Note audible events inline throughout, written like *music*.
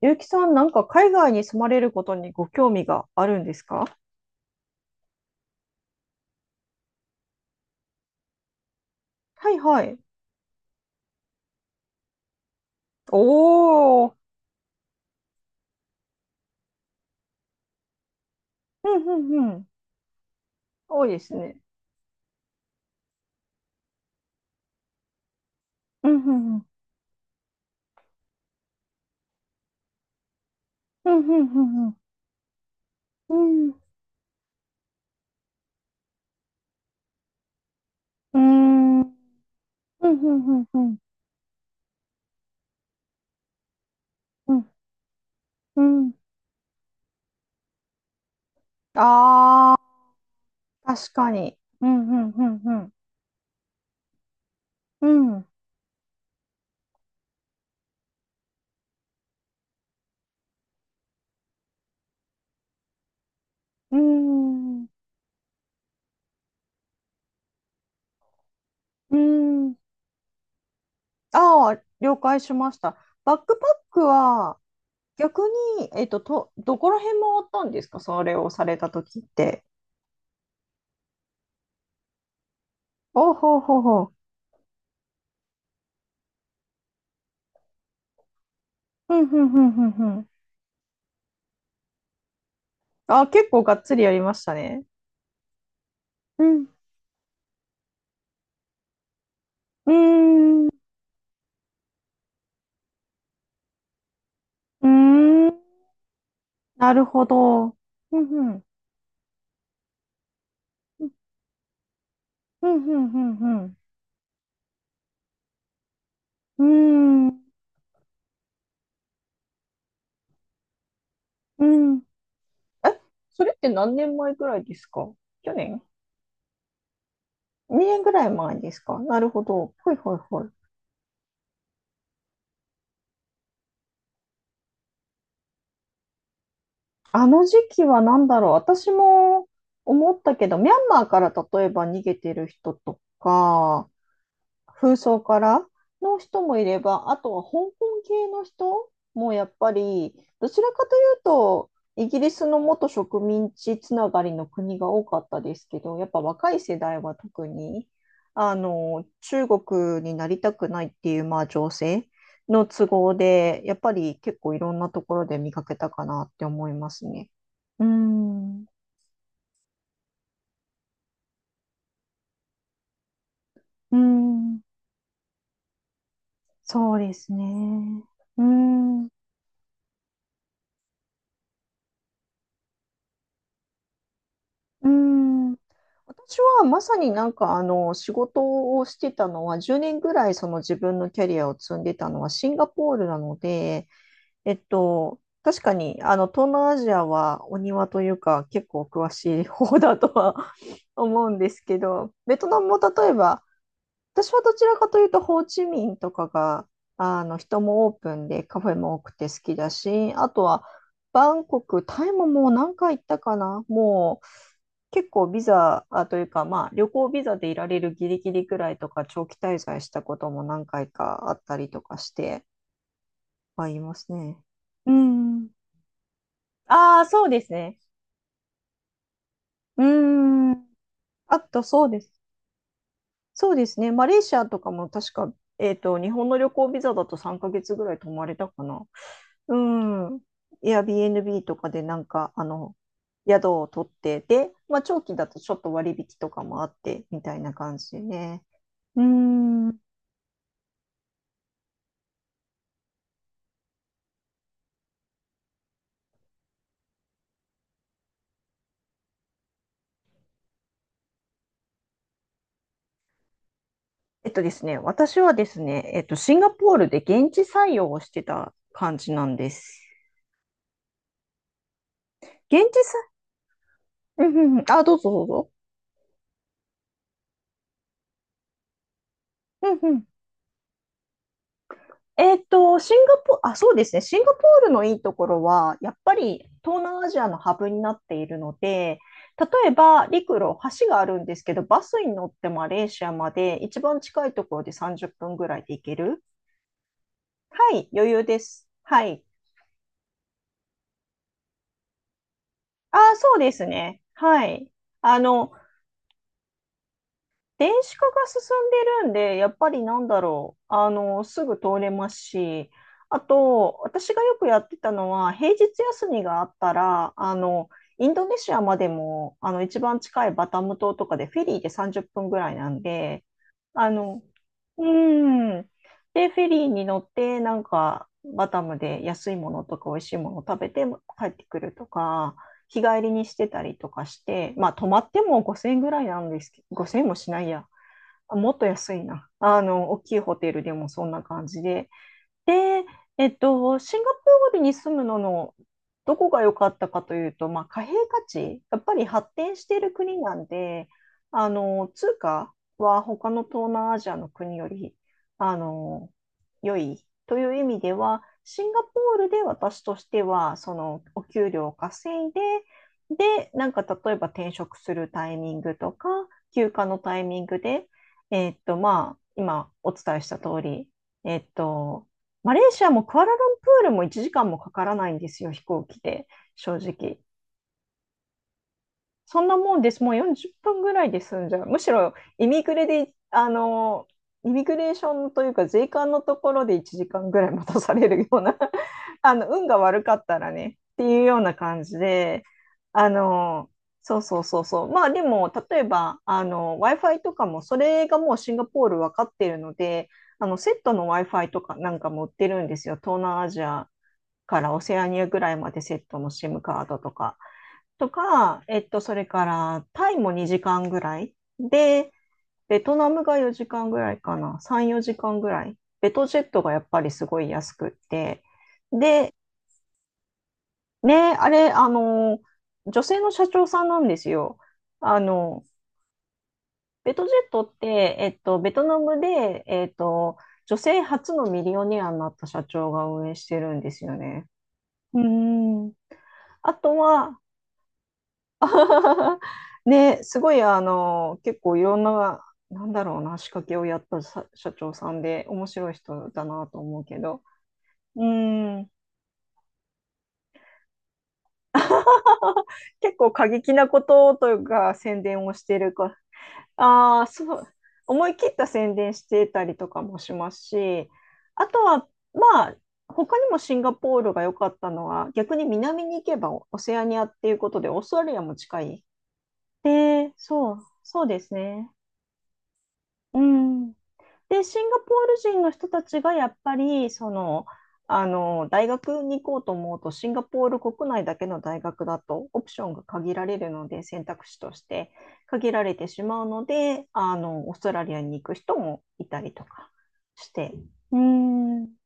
ゆうきさん、なんか海外に住まれることにご興味があるんですか？はいはい。おー、うんうんうん。多いですね。うんうんうん。うんうんうんうん。うん。うーん。うんうんうんうん。うん。うん。あー、確かに。うんうんうんうん。うん。うん。うん。あー、了解しました。バックパックは逆に、どこら辺回ったんですか、それをされた時って？おほうほうほう。ふんふんふんふんふん。あ、結構がっつりやりましたね。うん。うーん。うーん。なるほど。ふんふん。ふんふんふんふん。うーん。うん。え、それって何年前ぐらいですか？去年？ 2 年ぐらい前ですか？なるほど。ほいほいほい。あの時期は何だろう。私も思ったけど、ミャンマーから例えば逃げてる人とか、風葬からの人もいれば、あとは香港系の人もやっぱり、どちらかというと、イギリスの元植民地つながりの国が多かったですけど、やっぱ若い世代は特に、あの、中国になりたくないっていう、まあ、情勢の都合で、やっぱり結構いろんなところで見かけたかなって思いますね。うーん、うーん、そうですね。うーんうーん、私はまさになんかあの仕事をしてたのは10年ぐらい、その自分のキャリアを積んでたのはシンガポールなので、確かにあの東南アジアはお庭というか結構詳しい方だとは *laughs* 思うんですけど、ベトナムも例えば私はどちらかというと、ホーチミンとかが、あの、人もオープンでカフェも多くて好きだし、あとは、バンコク、タイももう何回行ったかな、もう、結構ビザあというか、まあ、旅行ビザでいられるギリギリぐらいとか、長期滞在したことも何回かあったりとかしてはいますね。うん。ああ、そうですね。うん。あと、そうです。そうですね。マレーシアとかも確か、日本の旅行ビザだと3ヶ月ぐらい泊まれたかな。うん。Airbnb とかでなんか、あの、宿を取って、で、まあ、長期だとちょっと割引とかもあって、みたいな感じでね。うん。えっとですね、私はですね、シンガポールで現地採用をしてた感じなんです。現地採、うんうんうん。あ、どうぞどうぞ。うんうん。えーっと、シンガポ、あ、そうですね。シンガポールのいいところは、やっぱり東南アジアのハブになっているので、例えば陸路、橋があるんですけど、バスに乗ってマレーシアまで一番近いところで30分ぐらいで行ける。はい、余裕です。はい。ああ、そうですね。はい。あの、電子化が進んでるんで、やっぱり、なんだろう、あの、すぐ通れますし、あと、私がよくやってたのは、平日休みがあったら、あの、インドネシアまでも、あの、一番近いバタム島とかでフェリーで30分ぐらいなんで、あの、うーん。で、フェリーに乗って、なんか、バタムで安いものとか美味しいものを食べて帰ってくるとか、日帰りにしてたりとかして、まあ、泊まっても5000円ぐらいなんですけど、5000円もしないや。もっと安いな。あの、大きいホテルでもそんな感じで、で、シンガポールに住むののどこが良かったかというと、まあ、貨幣価値、やっぱり発展している国なんで、あの、通貨は他の東南アジアの国より、あの、良いという意味では、シンガポールで私としては、そのお給料を稼いで、で、なんか例えば転職するタイミングとか、休暇のタイミングで、まあ、今お伝えした通り、えっと、マレーシアもクアラルンプールも1時間もかからないんですよ、飛行機で、正直。そんなもんです。もう40分ぐらいで済んじゃう。むしろ、イミグレで、あの、イミグレーションというか、税関のところで1時間ぐらい待たされるような *laughs* あの、運が悪かったらね、っていうような感じで、あの、そうそうそうそう。まあでも、例えば、あの、Wi-Fi とかも、それがもうシンガポール分かっているので、あの、セットの Wi-Fi とかなんかも売ってるんですよ、東南アジアからオセアニアぐらいまでセットの SIM カードとか、それからタイも2時間ぐらいで、ベトナムが4時間ぐらいかな、3、4時間ぐらい。ベトジェットがやっぱりすごい安くって。で、ね、あれ、あの、女性の社長さんなんですよ。あの、ベトジェットって、ベトナムで、女性初のミリオネアになった社長が運営してるんですよね。うん。あとは、*laughs* ね、すごい、あの、結構いろんな、なんだろうな、仕掛けをやったさ社長さんで、面白い人だなと思うけど、うん、*laughs* 結構過激なことというか、宣伝をしてるか、ああ、そう、思い切った宣伝してたりとかもしますし、あとは、まあ、他にもシンガポールが良かったのは、逆に南に行けばオセアニアっていうことで、オーストラリアも近い。で、そう、そうですね。うん。で、シンガポール人の人たちがやっぱり、その、あの、大学に行こうと思うと、シンガポール国内だけの大学だと、オプションが限られるので、選択肢として限られてしまうので、あの、オーストラリアに行く人もいたりとかして、うーん。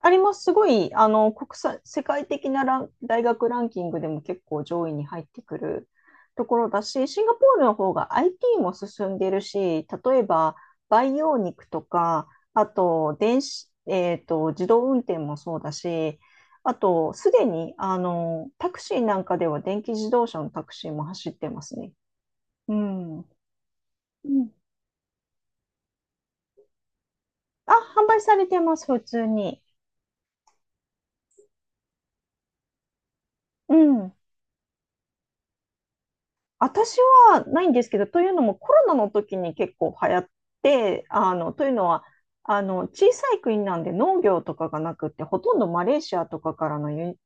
あります。すごい、あの、国際、世界的な大学ランキングでも結構上位に入ってくるところだし、シンガポールの方が IT も進んでるし、例えば培養肉とか、あと電子、自動運転もそうだし、あと、すでに、あの、タクシーなんかでは電気自動車のタクシーも走ってますね。うん。うん。あ、販売されてます、普通に。うん。私はないんですけど、というのもコロナの時に結構流行って、あの、というのは、あの、小さい国なんで農業とかがなくって、ほとんどマレーシアとかからの輸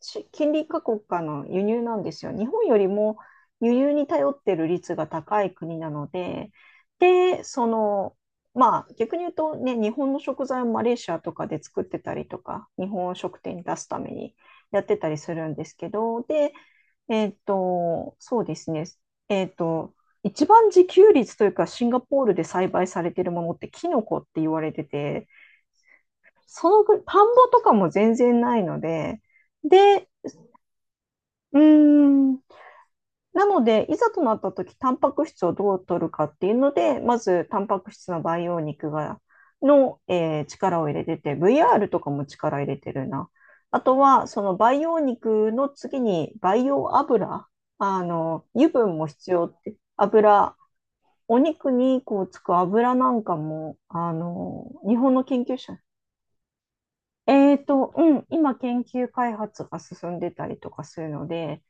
し近隣各国からの輸入なんですよ。日本よりも輸入に頼ってる率が高い国なので、で、その、まあ逆に言うとね、日本の食材をマレーシアとかで作ってたりとか、日本食店に出すためにやってたりするんですけど、で、そうですね。えっと、一番自給率というか、シンガポールで栽培されてるものってキノコって言われてて、そのぐ、田んぼとかも全然ないので、で、うーん、なので、いざとなった時、タンパク質をどう取るかっていうので、まず、タンパク質の培養肉が、の、力を入れてて、VR とかも力入れてるな。あとは、その培養肉の次に培養油、あの、油分も必要って、油、お肉にこうつく油なんかも、あの、日本の研究者、うん、今研究開発が進んでたりとかするので、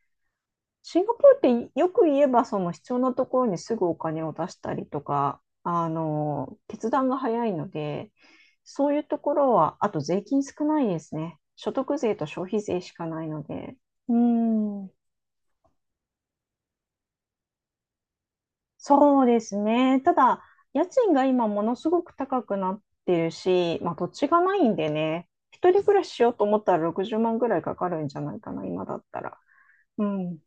シンガポールってよく言えばその必要なところにすぐお金を出したりとか、あの、決断が早いので、そういうところは、あと税金少ないですね。所得税と消費税しかないので。うん、そうですね。ただ、家賃が今ものすごく高くなってるし、まあ土地がないんでね、一人暮らししようと思ったら60万ぐらいかかるんじゃないかな、今だったら。うん。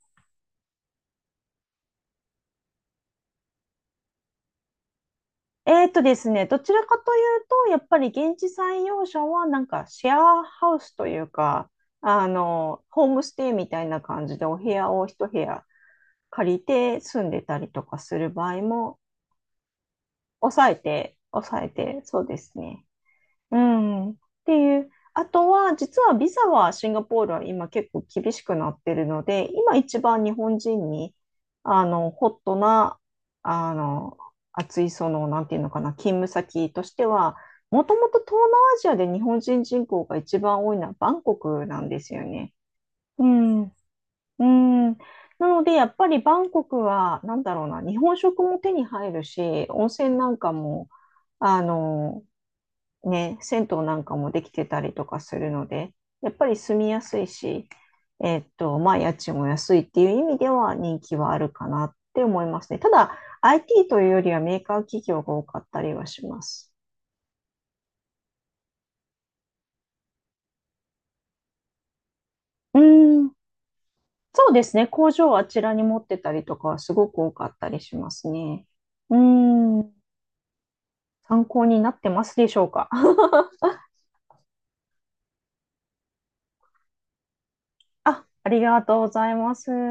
ですね、どちらかというと、やっぱり現地採用者はなんかシェアハウスというか、あの、ホームステイみたいな感じでお部屋を一部屋借りて住んでたりとかする場合も抑えて、抑えて、そうですね。うん。っていう。あとは、実はビザはシンガポールは今結構厳しくなってるので、今一番日本人に、あの、ホットな、あの、熱い、その、なんていうのかな、勤務先としては、もともと東南アジアで日本人人口が一番多いのはバンコクなんですよね。うん。うん。なので、やっぱりバンコクは、なんだろうな、日本食も手に入るし、温泉なんかも、あの、ね、銭湯なんかもできてたりとかするので、やっぱり住みやすいし、まあ、家賃も安いっていう意味では人気はあるかなって思いますね。ただ、IT というよりはメーカー企業が多かったりはします。うーん、そうですね。工場をあちらに持ってたりとかはすごく多かったりしますね。うーん、参考になってますでしょうか？*laughs* あ、ありがとうございます。